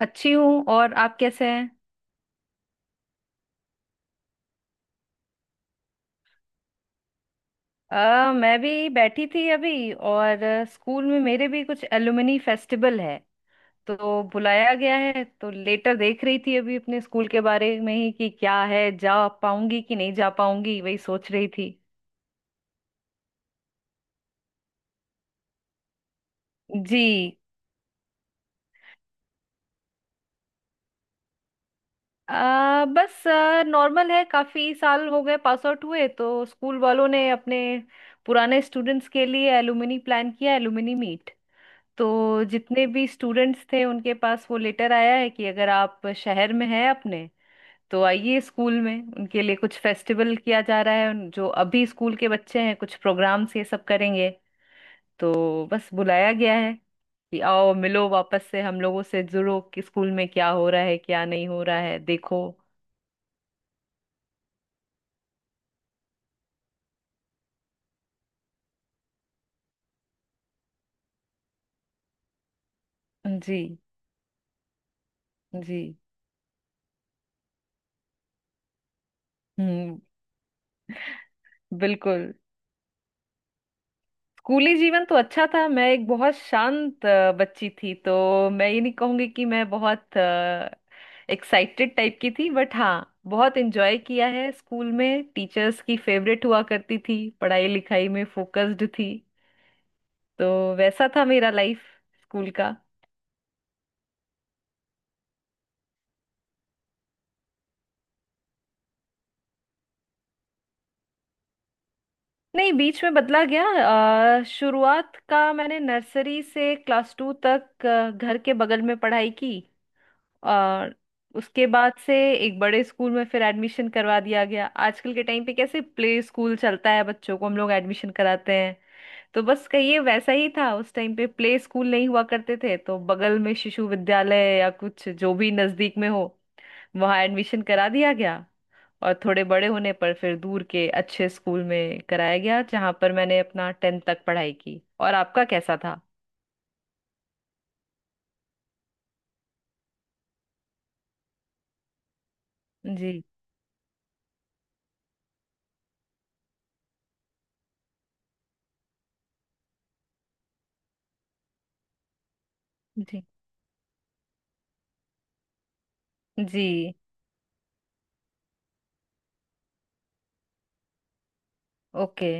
अच्छी हूँ। और आप कैसे हैं? मैं भी बैठी थी अभी। और स्कूल में मेरे भी कुछ एलुमनी फेस्टिवल है, तो बुलाया गया है। तो लेटर देख रही थी अभी अपने स्कूल के बारे में ही कि क्या है, जा पाऊंगी कि नहीं जा पाऊंगी, वही सोच रही थी। जी। बस नॉर्मल है, काफी साल हो गए पास आउट हुए, तो स्कूल वालों ने अपने पुराने स्टूडेंट्स के लिए एलुमनी प्लान किया, एलुमनी मीट। तो जितने भी स्टूडेंट्स थे उनके पास वो लेटर आया है कि अगर आप शहर में हैं अपने, तो आइए। स्कूल में उनके लिए कुछ फेस्टिवल किया जा रहा है। जो अभी स्कूल के बच्चे हैं, कुछ प्रोग्राम्स ये सब करेंगे। तो बस बुलाया गया है कि आओ, मिलो, वापस से हम लोगों से जुड़ो कि स्कूल में क्या हो रहा है, क्या नहीं हो रहा है, देखो। जी। जी। हम्म। बिल्कुल। स्कूली जीवन तो अच्छा था। मैं एक बहुत शांत बच्ची थी। तो मैं ये नहीं कहूंगी कि मैं बहुत एक्साइटेड टाइप की थी। बट हाँ, बहुत एंजॉय किया है स्कूल में। टीचर्स की फेवरेट हुआ करती थी, पढ़ाई लिखाई में फोकस्ड थी। तो वैसा था मेरा लाइफ स्कूल का। नहीं, बीच में बदला गया। शुरुआत का मैंने नर्सरी से क्लास टू तक घर के बगल में पढ़ाई की। और उसके बाद से एक बड़े स्कूल में फिर एडमिशन करवा दिया गया। आजकल के टाइम पे कैसे प्ले स्कूल चलता है, बच्चों को हम लोग एडमिशन कराते हैं, तो बस कहिए वैसा ही था। उस टाइम पे प्ले स्कूल नहीं हुआ करते थे, तो बगल में शिशु विद्यालय या कुछ जो भी नजदीक में हो, वहां एडमिशन करा दिया गया। और थोड़े बड़े होने पर फिर दूर के अच्छे स्कूल में कराया गया, जहां पर मैंने अपना टेंथ तक पढ़ाई की। और आपका कैसा था? जी। जी। जी। ओके।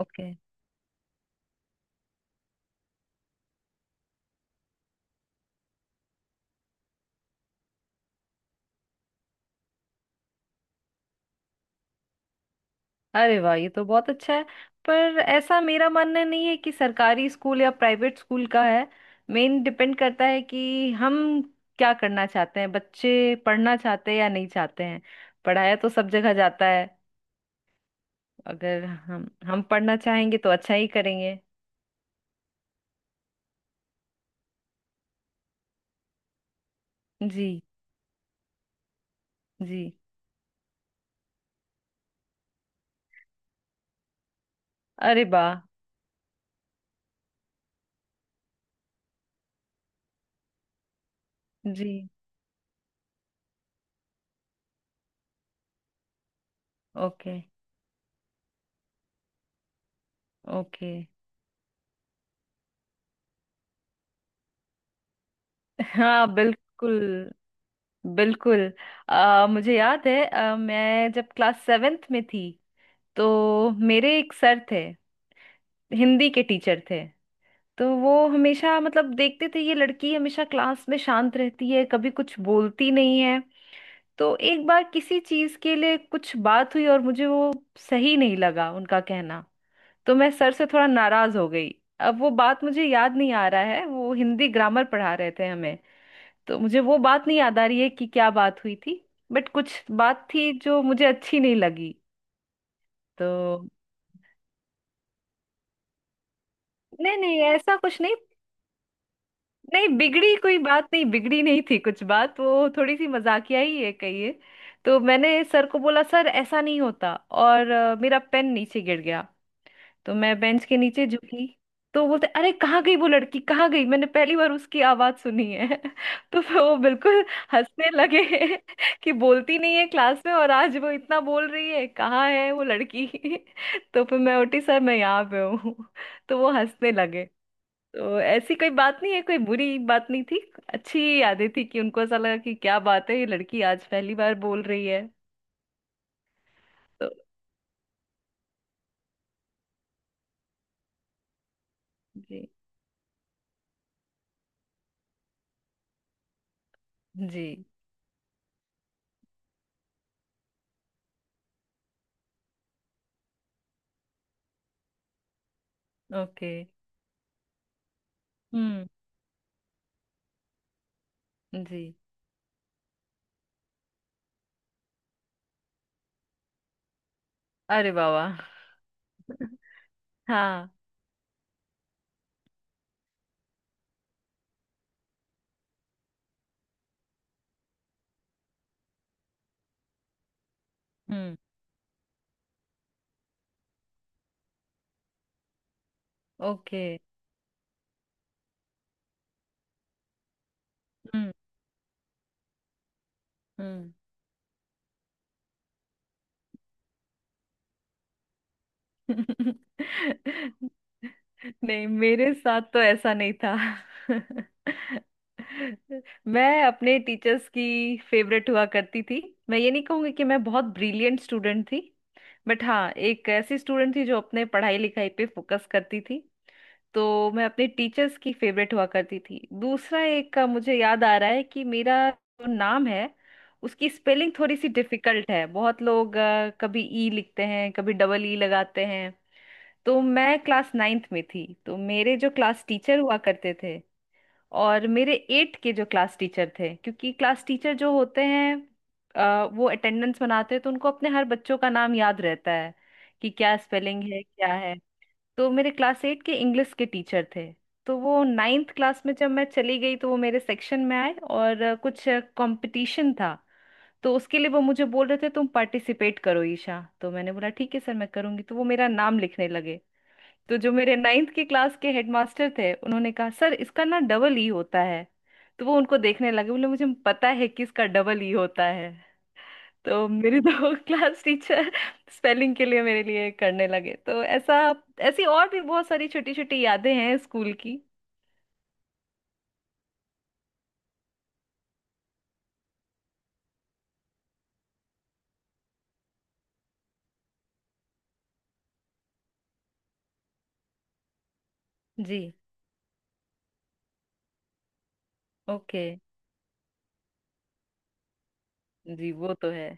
ओके। अरे वाह, ये तो बहुत अच्छा है। पर ऐसा मेरा मानना नहीं है कि सरकारी स्कूल या प्राइवेट स्कूल का है। मेन डिपेंड करता है कि हम क्या करना चाहते हैं, बच्चे पढ़ना चाहते हैं या नहीं चाहते हैं। पढ़ाया तो सब जगह जाता है। अगर हम पढ़ना चाहेंगे तो अच्छा ही करेंगे। जी। जी। अरे वाह। जी। ओके। ओके। हाँ, बिल्कुल। बिल्कुल। मुझे याद है, मैं जब क्लास सेवेंथ में थी, तो मेरे एक सर थे, हिंदी के टीचर थे। तो वो हमेशा मतलब देखते थे ये लड़की हमेशा क्लास में शांत रहती है, कभी कुछ बोलती नहीं है। तो एक बार किसी चीज के लिए कुछ बात हुई और मुझे वो सही नहीं लगा उनका कहना। तो मैं सर से थोड़ा नाराज हो गई। अब वो बात मुझे याद नहीं आ रहा है, वो हिंदी ग्रामर पढ़ा रहे थे हमें। तो मुझे वो बात नहीं याद आ रही है कि क्या बात हुई थी। बट कुछ बात थी जो मुझे अच्छी नहीं लगी। तो नहीं नहीं, ऐसा कुछ नहीं। नहीं, बिगड़ी कोई बात नहीं, बिगड़ी नहीं थी कुछ बात। वो थोड़ी सी मजाकिया ही है, कहिए। तो मैंने सर को बोला सर ऐसा नहीं होता। और मेरा पेन नीचे गिर गया। तो मैं बेंच के नीचे झुकी। तो बोलते अरे कहाँ गई वो लड़की, कहाँ गई, मैंने पहली बार उसकी आवाज सुनी है। तो फिर वो बिल्कुल हंसने लगे। कि बोलती नहीं है क्लास में और आज वो इतना बोल रही है, कहाँ है वो लड़की। तो फिर मैं उठी, सर मैं यहाँ पे हूँ। तो वो हंसने लगे। तो ऐसी कोई बात नहीं है, कोई बुरी बात नहीं थी। अच्छी यादें थी कि उनको ऐसा लगा कि क्या बात है, ये लड़की आज पहली बार बोल रही है। तो जी। जी। ओके। हम्म। जी। अरे बाबा। हाँ। हम्म। ओके। हम्म। हम्म। नहीं, मेरे साथ तो ऐसा नहीं था। मैं अपने टीचर्स की फेवरेट हुआ करती थी। मैं ये नहीं कहूंगी कि मैं बहुत ब्रिलियंट स्टूडेंट थी। बट हाँ, एक ऐसी स्टूडेंट थी जो अपने पढ़ाई लिखाई पे फोकस करती थी। तो मैं अपने टीचर्स की फेवरेट हुआ करती थी। दूसरा एक का मुझे याद आ रहा है कि मेरा जो नाम है, उसकी स्पेलिंग थोड़ी सी डिफिकल्ट है। बहुत लोग कभी ई लिखते हैं, कभी डबल ई लगाते हैं। तो मैं क्लास नाइन्थ में थी, तो मेरे जो क्लास टीचर हुआ करते थे और मेरे एट के जो क्लास टीचर थे, क्योंकि क्लास टीचर जो होते हैं, वो अटेंडेंस बनाते हैं, तो उनको अपने हर बच्चों का नाम याद रहता है कि क्या स्पेलिंग है क्या है। तो मेरे क्लास एट के इंग्लिश के टीचर थे। तो वो नाइन्थ क्लास में जब मैं चली गई, तो वो मेरे सेक्शन में आए। और कुछ कंपटीशन था, तो उसके लिए वो मुझे बोल रहे थे तुम पार्टिसिपेट करो ईशा। तो मैंने बोला ठीक है सर, मैं करूंगी। तो वो मेरा नाम लिखने लगे। तो जो मेरे नाइन्थ की क्लास के हेडमास्टर थे, उन्होंने कहा सर इसका ना डबल ई होता है। तो वो उनको देखने लगे, बोले मुझे पता है कि इसका डबल ई होता है। तो मेरी दो क्लास टीचर स्पेलिंग के लिए मेरे लिए करने लगे। तो ऐसा, ऐसी और भी बहुत सारी छोटी छोटी यादें हैं स्कूल की। जी। ओके। जी, वो तो है।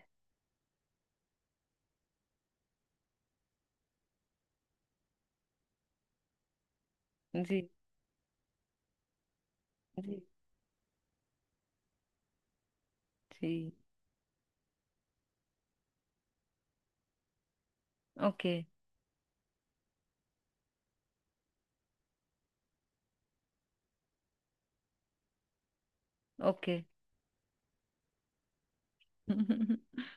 जी। जी। जी। ओके। ओके।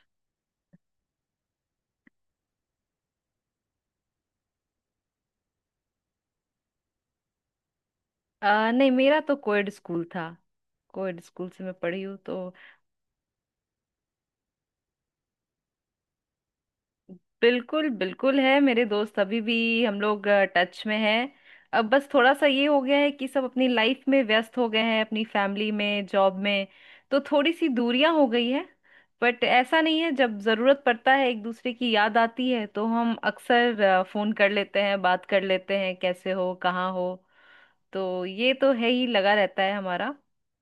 नहीं, मेरा तो कोएड स्कूल था। कोएड स्कूल से मैं पढ़ी हूँ। तो बिल्कुल बिल्कुल है, मेरे दोस्त अभी भी, हम लोग टच में हैं। अब बस थोड़ा सा ये हो गया है कि सब अपनी लाइफ में व्यस्त हो गए हैं, अपनी फैमिली में, जॉब में, तो थोड़ी सी दूरियां हो गई है। बट ऐसा नहीं है, जब जरूरत पड़ता है, एक दूसरे की याद आती है, तो हम अक्सर फोन कर लेते हैं, बात कर लेते हैं कैसे हो, कहाँ हो। तो ये तो है ही, लगा रहता है हमारा।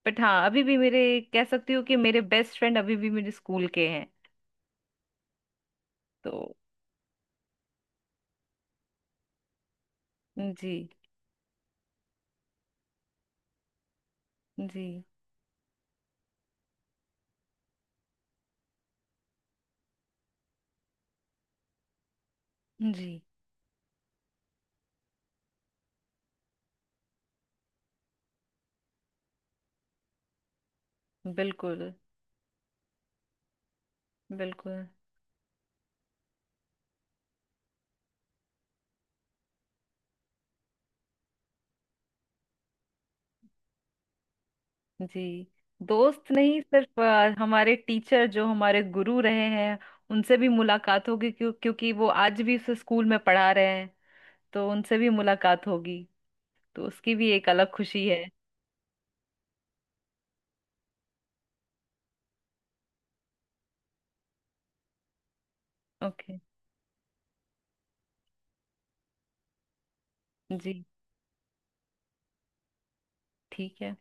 बट हाँ, अभी भी मेरे, कह सकती हूँ कि मेरे बेस्ट फ्रेंड अभी भी मेरे स्कूल के हैं। तो जी। जी। जी। बिल्कुल बिल्कुल। जी। दोस्त नहीं, सिर्फ हमारे टीचर जो हमारे गुरु रहे हैं, उनसे भी मुलाकात होगी, क्यों, क्योंकि वो आज भी उस स्कूल में पढ़ा रहे हैं। तो उनसे भी मुलाकात होगी। तो उसकी भी एक अलग खुशी है। ओके। जी। ठीक है।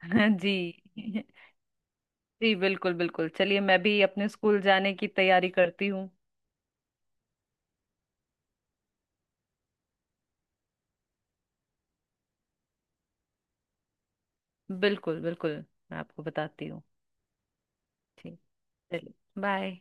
जी। जी बिल्कुल बिल्कुल, चलिए मैं भी अपने स्कूल जाने की तैयारी करती हूँ। बिल्कुल बिल्कुल, मैं आपको बताती हूँ। ठीक। चलिए। बाय।